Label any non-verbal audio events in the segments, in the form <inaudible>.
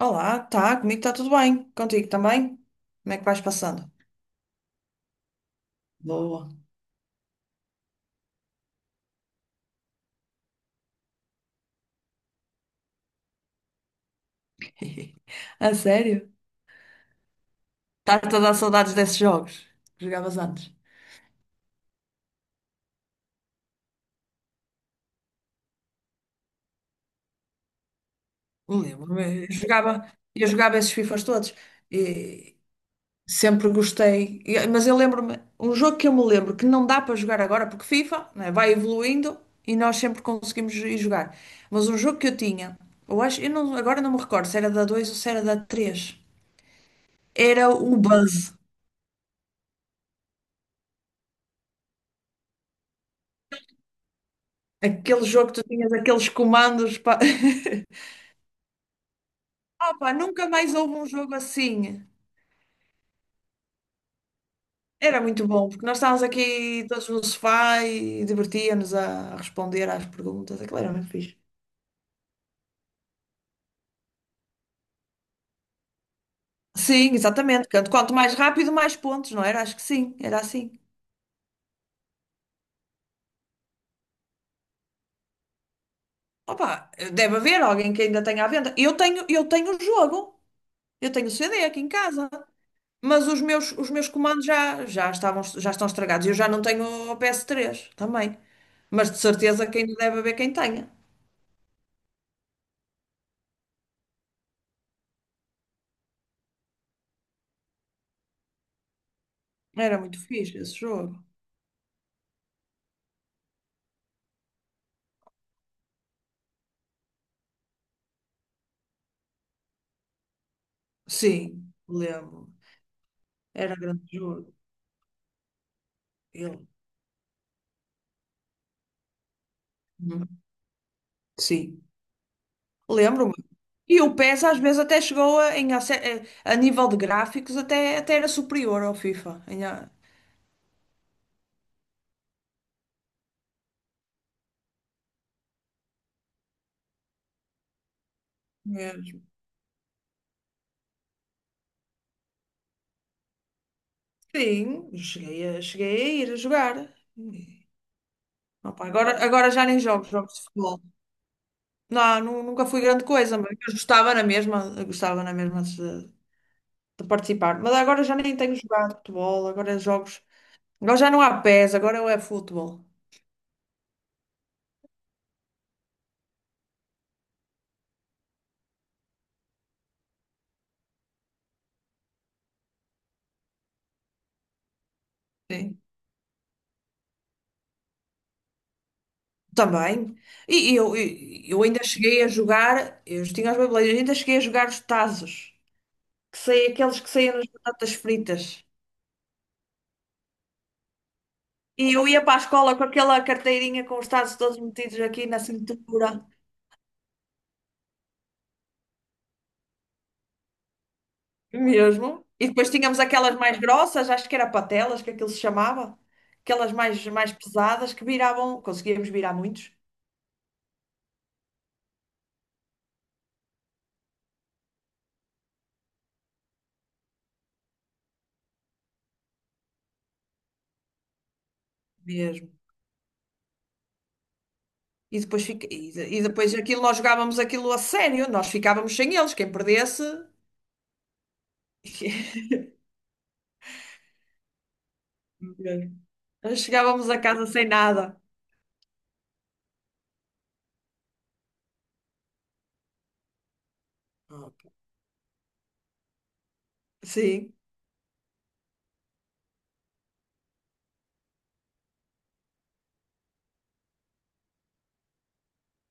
Olá, tá, comigo está tudo bem. Contigo também? Como é que vais passando? Boa. <laughs> A sério? Estás a dar saudades desses jogos que jogavas antes? Lembro-me, eu jogava esses FIFAs todos e sempre gostei. E- Mas eu lembro-me, um jogo que eu me lembro que não dá para jogar agora, porque FIFA, né, vai evoluindo e nós sempre conseguimos ir jogar. Mas um jogo que eu tinha, eu acho, eu não- agora não me recordo se era da 2 ou se era da 3? Era o Buzz. Aquele jogo que tu tinhas aqueles comandos. Pá. <laughs> Opa, nunca mais houve um jogo assim. Era muito bom, porque nós estávamos aqui todos no sofá e divertíamos a responder às perguntas. Aquilo era muito fixe. Sim, exatamente. Quanto, quanto mais rápido, mais pontos, não era? Acho que sim, era assim. Opa, deve haver alguém que ainda tenha à venda. Eu tenho o jogo. Eu tenho o CD aqui em casa. Mas os meus comandos já, já estavam, já estão estragados. Eu já não tenho o PS3 também. Mas de certeza que ainda deve haver quem tenha. Era muito fixe esse jogo. Sim, lembro. Era grande jogo. Ele. Hum, Sim, lembro-me. E o PES às vezes até chegou a, em ace- a nível de gráficos, até, até era superior ao FIFA. Em a- mesmo. Sim, cheguei a, cheguei a ir a jogar. E, opa, agora, agora já nem jogo jogos de futebol. Não, nu- nunca fui grande coisa, mas eu gostava na mesma, eu gostava na mesma de participar. Mas agora já nem tenho jogado futebol, agora é jogos. Agora já não há pés, agora é futebol. Sim. Também. E eu ainda cheguei a jogar, eu tinha as beibeleiras, ainda cheguei a jogar os tazos, que sei, aqueles que saíam nas batatas fritas. E eu ia para a escola com aquela carteirinha com os tazos todos metidos aqui na cintura. Mesmo. E depois tínhamos aquelas mais grossas, acho que era patelas, que aquilo se chamava. Aquelas mais, mais pesadas que viravam, conseguíamos virar muitos. Mesmo. E depois, fica, e, de- e depois aquilo, nós jogávamos aquilo a sério, nós ficávamos sem eles, quem perdesse. <laughs> Mesmo. Nós chegávamos a casa sem nada. Ok. Sim,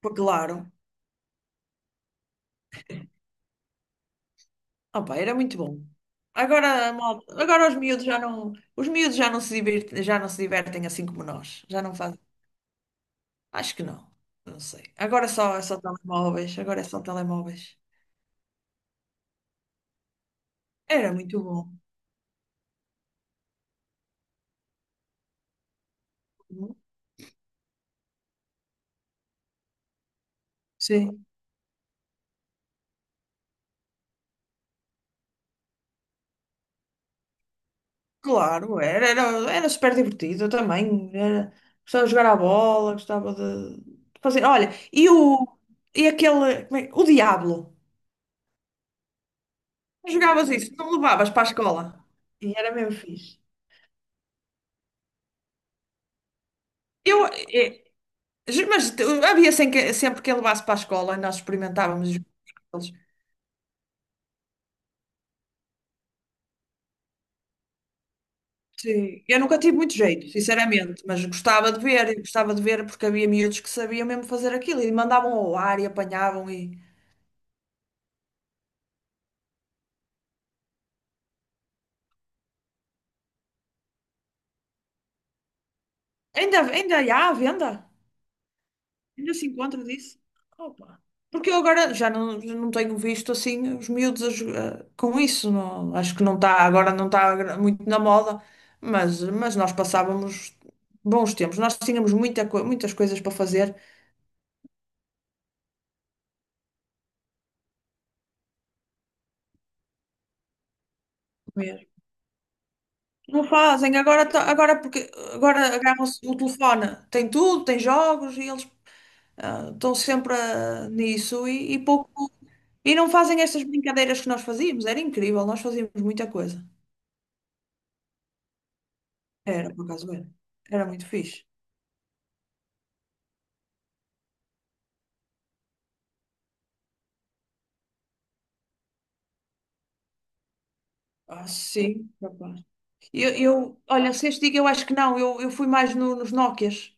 pô, claro. Opa, era muito bom. Agora, malta, agora os miúdos já não, os miúdos já não se divertem, já não se divertem assim como nós. Já não fazem. Acho que não. Não sei. Agora só, é só telemóveis. Agora é só telemóveis. Era muito bom. Sim. Claro, era, era, era super divertido eu também. Era, gostava de jogar à bola, gostava de fazer. Olha, e o e aquele. Como é- o Diablo. Jogavas isso, não levavas para a escola. E era mesmo fixe. Eu, mas tu- havia sem que- sempre quem levasse para a escola e nós experimentávamos os jogos. Sim, eu nunca tive muito jeito, sinceramente, mas gostava de ver, e gostava de ver porque havia miúdos que sabiam mesmo fazer aquilo e mandavam ao ar e apanhavam e ainda, ainda há à venda, ainda se encontra disso. Opa. Porque eu agora já não tenho visto assim os miúdos a jo- a- com isso, não, acho que não está, agora não está muito na moda, mas nós passávamos bons tempos, nós tínhamos muita, co- muitas coisas para fazer. Não fazem, agora, to- agora, porque, agora agarram-se no telefone. Tem tudo, tem jogos e eles estão sempre nisso e pouco. E não fazem estas brincadeiras que nós fazíamos, era incrível, nós fazíamos muita coisa. Era, por acaso era. Era muito fixe. Ah, sim, rapaz. Eu, olha, se este digo, eu acho que não, eu fui mais no- nos Nokias.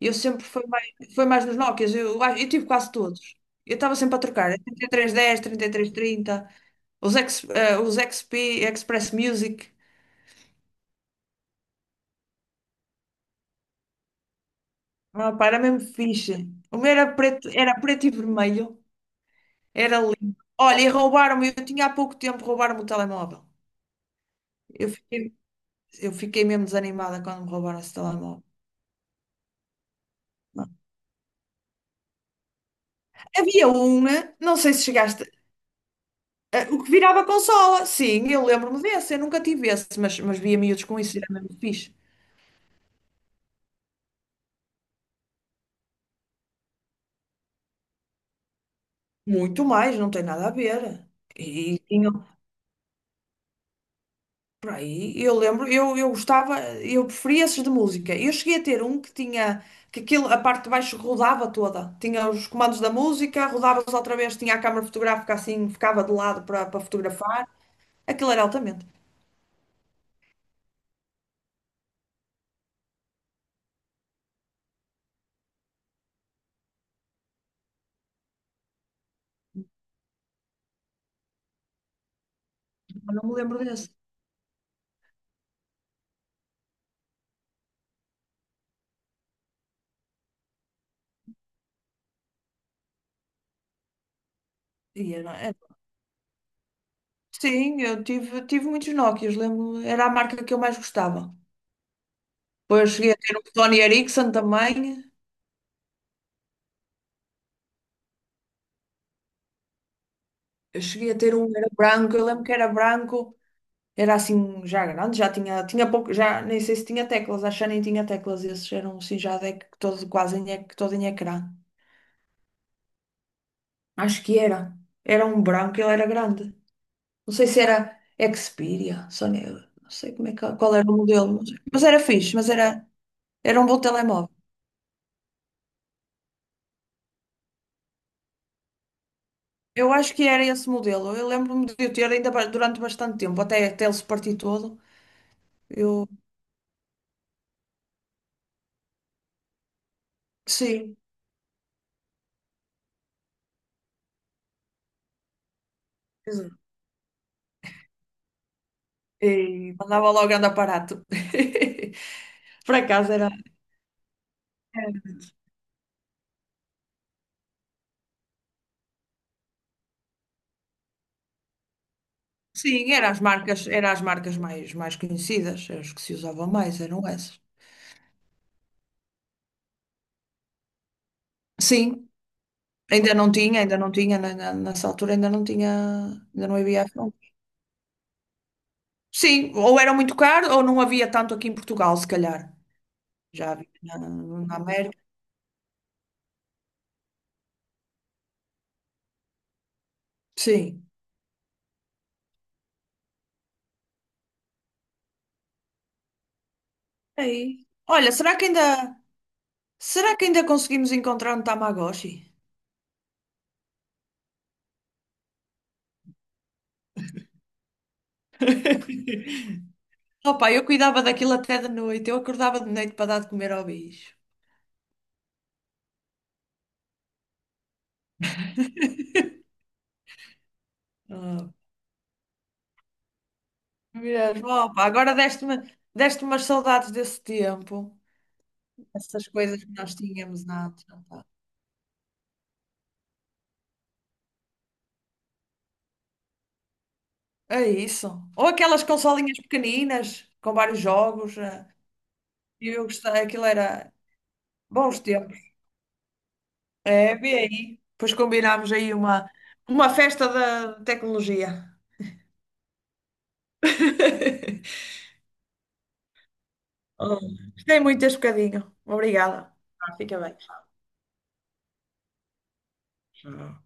Eu sempre fui mais nos Nokias, eu tive quase todos. Eu estava sempre a trocar, 3310, 3330. Os, ex, os XP, Express Music. Ah, pá, era mesmo fixe. O meu era preto e vermelho. Era lindo. Olha, e roubaram-me, eu tinha há pouco tempo, roubaram-me o telemóvel. Eu fiquei, eu fiquei mesmo desanimada quando me roubaram esse telemóvel. Havia uma, não sei se chegaste, o que virava consola. Sim, eu lembro-me desse, eu nunca tive esse, mas via miúdos com isso, era mesmo fixe. Muito mais, não tem nada a ver. E tinham. Por aí, eu lembro, eu gostava, eu preferia esses de música. Eu cheguei a ter um que tinha, que aquilo, a parte de baixo rodava toda. Tinha os comandos da música, rodava-os outra vez, tinha a câmara fotográfica assim, ficava de lado para para fotografar. Aquilo era altamente. Eu não me lembro desse. E era- era- Sim, eu tive, tive muitos Nokias, lembro, era a marca que eu mais gostava. Depois cheguei a ter um Sony Ericsson também. Eu cheguei a ter um, era branco, eu lembro que era branco. Era assim já grande, já tinha, tinha pouco, já nem sei se tinha teclas, acho que já nem tinha teclas, esses eram assim já de, todo, quase em, ec- todo em ecrã. Acho que era. Era um branco, ele era grande. Não sei se era Xperia, Sony, não sei como é que, qual era o modelo, mas era fixe, mas era, era um bom telemóvel. Eu acho que era esse modelo. Eu lembro-me de eu ter ainda ba- durante bastante tempo, até, até ele se partir todo. Eu, sim, exato. E mandava logo andar aparato. <laughs> Por acaso era. Sim, eram as marcas mais, mais conhecidas, as que se usavam mais, eram essas. Sim, ainda não tinha, na- na- nessa altura ainda não tinha, ainda não havia iPhone. Sim, ou era muito caro ou não havia tanto aqui em Portugal, se calhar. Já havia na, na América. Sim. Aí. Olha, será que ainda conseguimos encontrar um Tamagotchi? <laughs> Opa, eu cuidava daquilo até de noite, eu acordava de noite para dar de comer ao bicho. <laughs> Ah, mesmo. Opa, agora deste-me deste umas saudades desse tempo. Essas coisas que nós tínhamos antes. Opa. É isso. Ou aquelas consolinhas pequeninas com vários jogos. E eu gostei, aquilo era bons tempos. É, vê aí. Depois combinámos aí uma festa da tecnologia. <laughs> Oh, Gostei muito deste bocadinho. Obrigada. Ah, fica bem. Tchau.